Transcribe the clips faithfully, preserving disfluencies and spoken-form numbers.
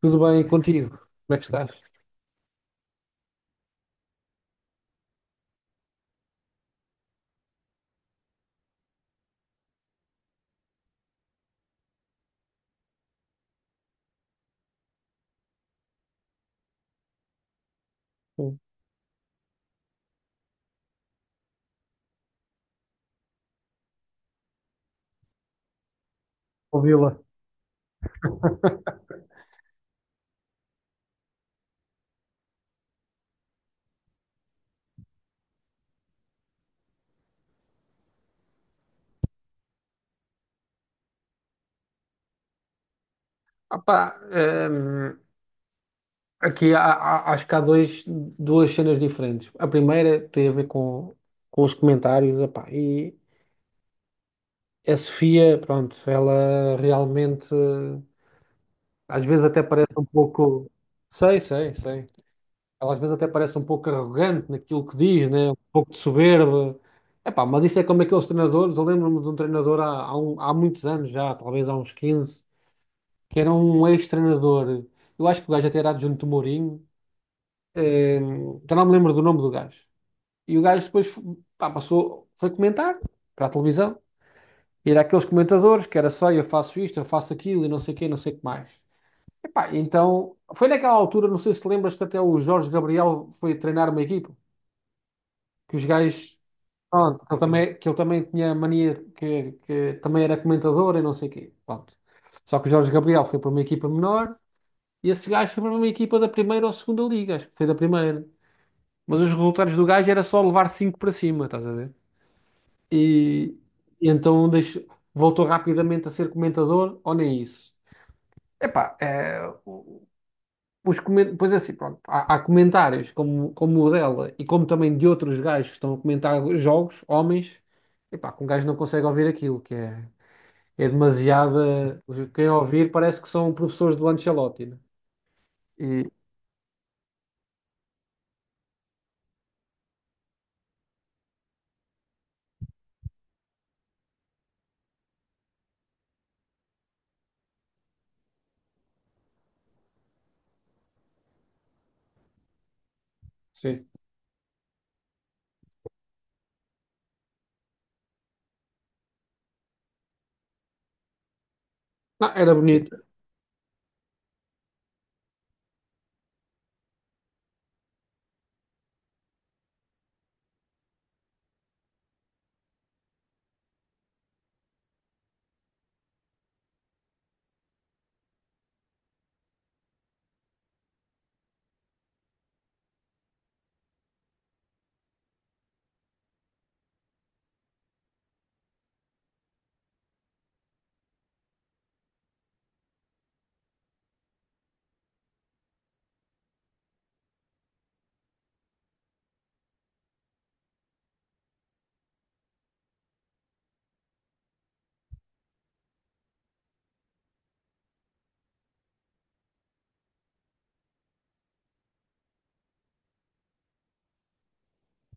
Tudo bem contigo? Como é que estás? Ouvi-la. Opá, hum, aqui há- há- acho que há dois, duas cenas diferentes. A primeira tem a ver com, com os comentários. Opá, e a Sofia, pronto, ela realmente às vezes até parece um pouco. Sei, sei, sei. Ela às vezes até parece um pouco arrogante naquilo que diz, né? Um pouco de soberba. Epá, mas isso é como aqueles treinadores. Eu lembro-me de um treinador há, há, um- há muitos anos já, talvez há uns quinze, que era um ex-treinador. Eu acho que o gajo até era adjunto do Mourinho. eh, Já não me lembro do nome do gajo. E o gajo depois fo- pá, passou, foi comentar para a televisão. E era aqueles comentadores que era só eu faço isto, eu faço aquilo e não sei o quê, não sei o que mais. Epá, então, foi naquela altura, não sei se te lembras, que até o Jorge Gabriel foi treinar uma equipa, que os gajos, pronto, que ele também, que ele também tinha mania, que, que também era comentador e não sei o quê. Pronto. Só que o Jorge Gabriel foi para uma equipa menor. E esse gajo foi para uma equipa da primeira ou segunda liga, acho que foi da primeira. Mas os resultados do gajo era só levar cinco para cima, estás a ver? E, e então deixo- voltou rapidamente a ser comentador, ou nem isso. Epá, é, o- os comen- pois é assim, pronto, há, há comentários como, como o dela e como também de outros gajos que estão a comentar jogos, homens, epá, que um gajo não consegue ouvir aquilo, que é, é demasiada. Quem ouvir parece que são professores do Ancelotti, né? E, sim. Não, era bonito.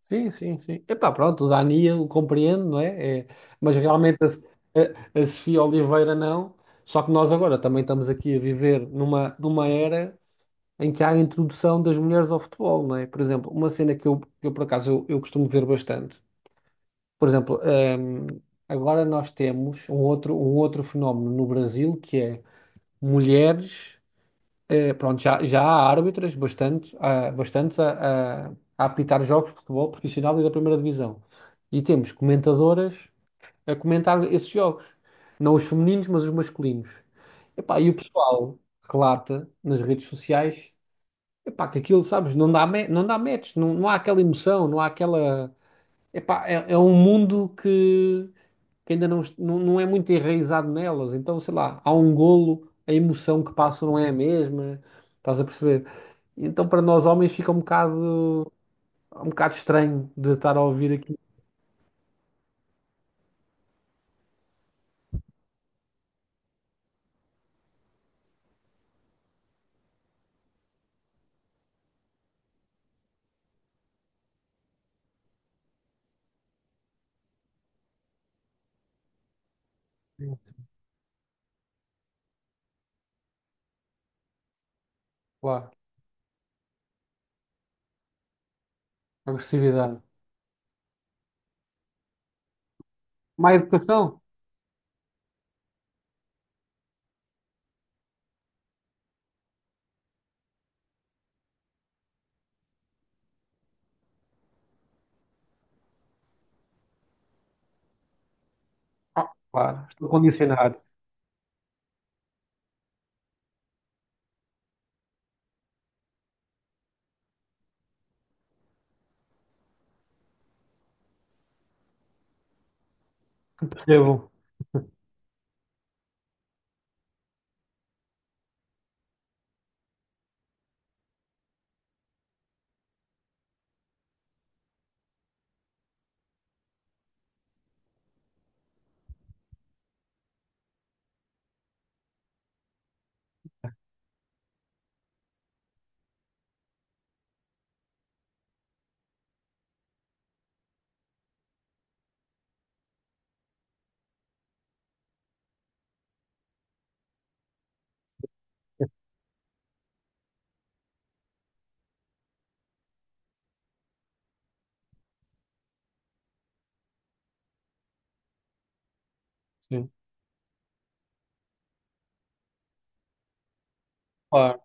Sim, sim, sim. Epá, pronto, o Dani eu compreendo, não é? É, mas realmente a, a- a Sofia Oliveira não. Só que nós agora também estamos aqui a viver numa, numa era em que há a introdução das mulheres ao futebol, não é? Por exemplo, uma cena que eu, que eu por acaso eu, eu costumo ver bastante. Por exemplo, hum, agora nós temos um outro, um outro fenómeno no Brasil, que é mulheres. Eh, pronto, já, já há árbitras bastantes, ah, bastantes a, a- a apitar jogos de futebol profissional e da primeira divisão. E temos comentadoras a comentar esses jogos. Não os femininos, mas os masculinos. Epá, e o pessoal relata nas redes sociais, epá, que aquilo, sabes, não dá, ma- não dá match, não, não há aquela emoção, não há aquela... Epá, é, é um mundo que que ainda não, est- não, não é muito enraizado nelas. Então, sei lá, há um golo, a emoção que passa não é a mesma, estás a perceber? Então, para nós homens, fica um bocado, um bocado estranho de estar a ouvir aqui, claro, agressividade. Má educação? Ah, claro, estou condicionado, que percebo, sim, claro,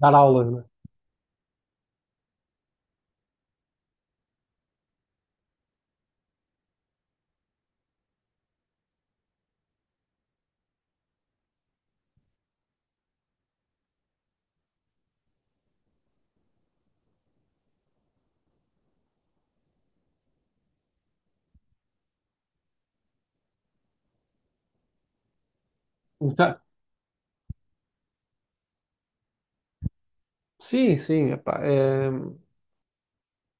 dar aulas, né? Exa- Sim, sim, epá, é,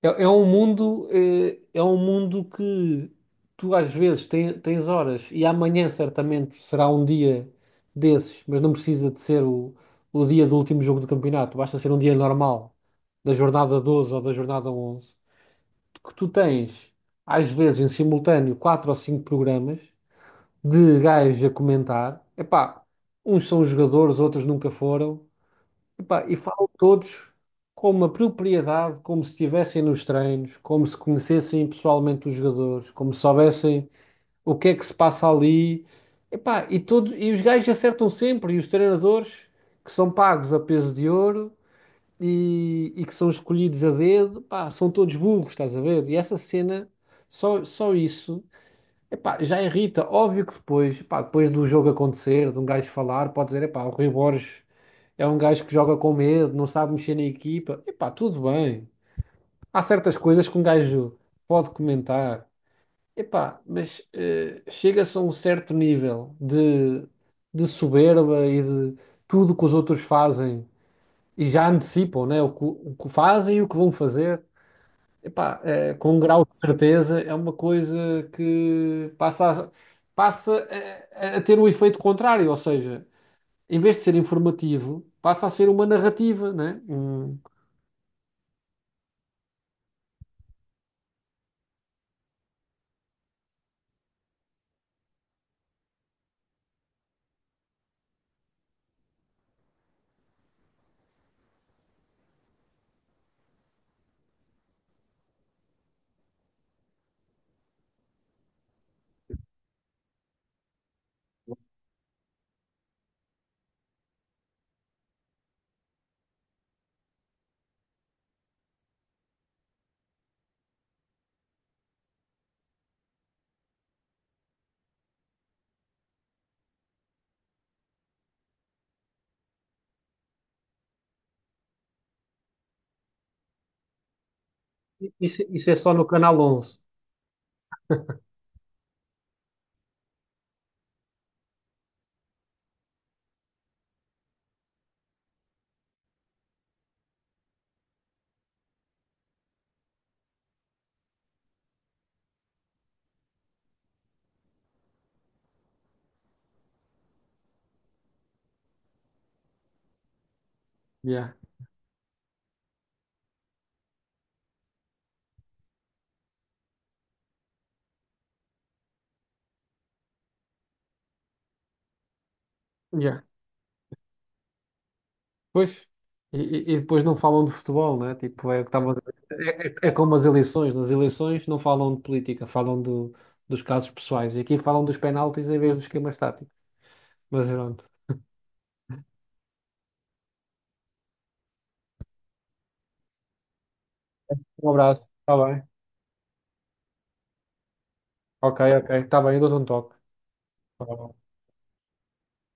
É, é um mundo, eh, é, um mundo que tu às vezes tem- tens horas, e amanhã certamente será um dia desses, mas não precisa de ser o, o dia do último jogo do campeonato, basta ser um dia normal, da jornada doze ou da jornada onze. Que tu tens às vezes em simultâneo quatro ou cinco programas de gajos a comentar. Epá, uns são jogadores, outros nunca foram. Epá, e falam todos com uma propriedade, como se estivessem nos treinos, como se conhecessem pessoalmente os jogadores, como se soubessem o que é que se passa ali. Epá, e, todo, e os gajos acertam sempre, e os treinadores que são pagos a peso de ouro, e, e que são escolhidos a dedo, pá, são todos burros, estás a ver? E essa cena, só, só isso, epá, já irrita. Óbvio que depois, pá, depois do jogo acontecer, de um gajo falar, pode dizer, epá, o Rui Borges é um gajo que joga com medo, não sabe mexer na equipa. Epá, tudo bem. Há certas coisas que um gajo pode comentar. Epá, mas eh, chega-se a um certo nível de, de soberba, e de tudo que os outros fazem e já antecipam, né? O que, o que fazem e o que vão fazer. Epá, eh, com um grau de certeza, é uma coisa que passa, a, passa a, a ter o efeito contrário, ou seja, em vez de ser informativo, passa a ser uma narrativa, né? Um, Isso, isso é só no Canal onze. Yeah, yeah. Pois. E, e- e depois não falam de futebol, né? Tipo, é, o que estava, é, é é como as eleições. Nas eleições não falam de política, falam do, dos casos pessoais. E aqui falam dos penaltis em vez dos esquemas táticos. Mas pronto. Um abraço. Tá bem. Ok, ok. Está bem, eu dou-te um toque. Tá bom.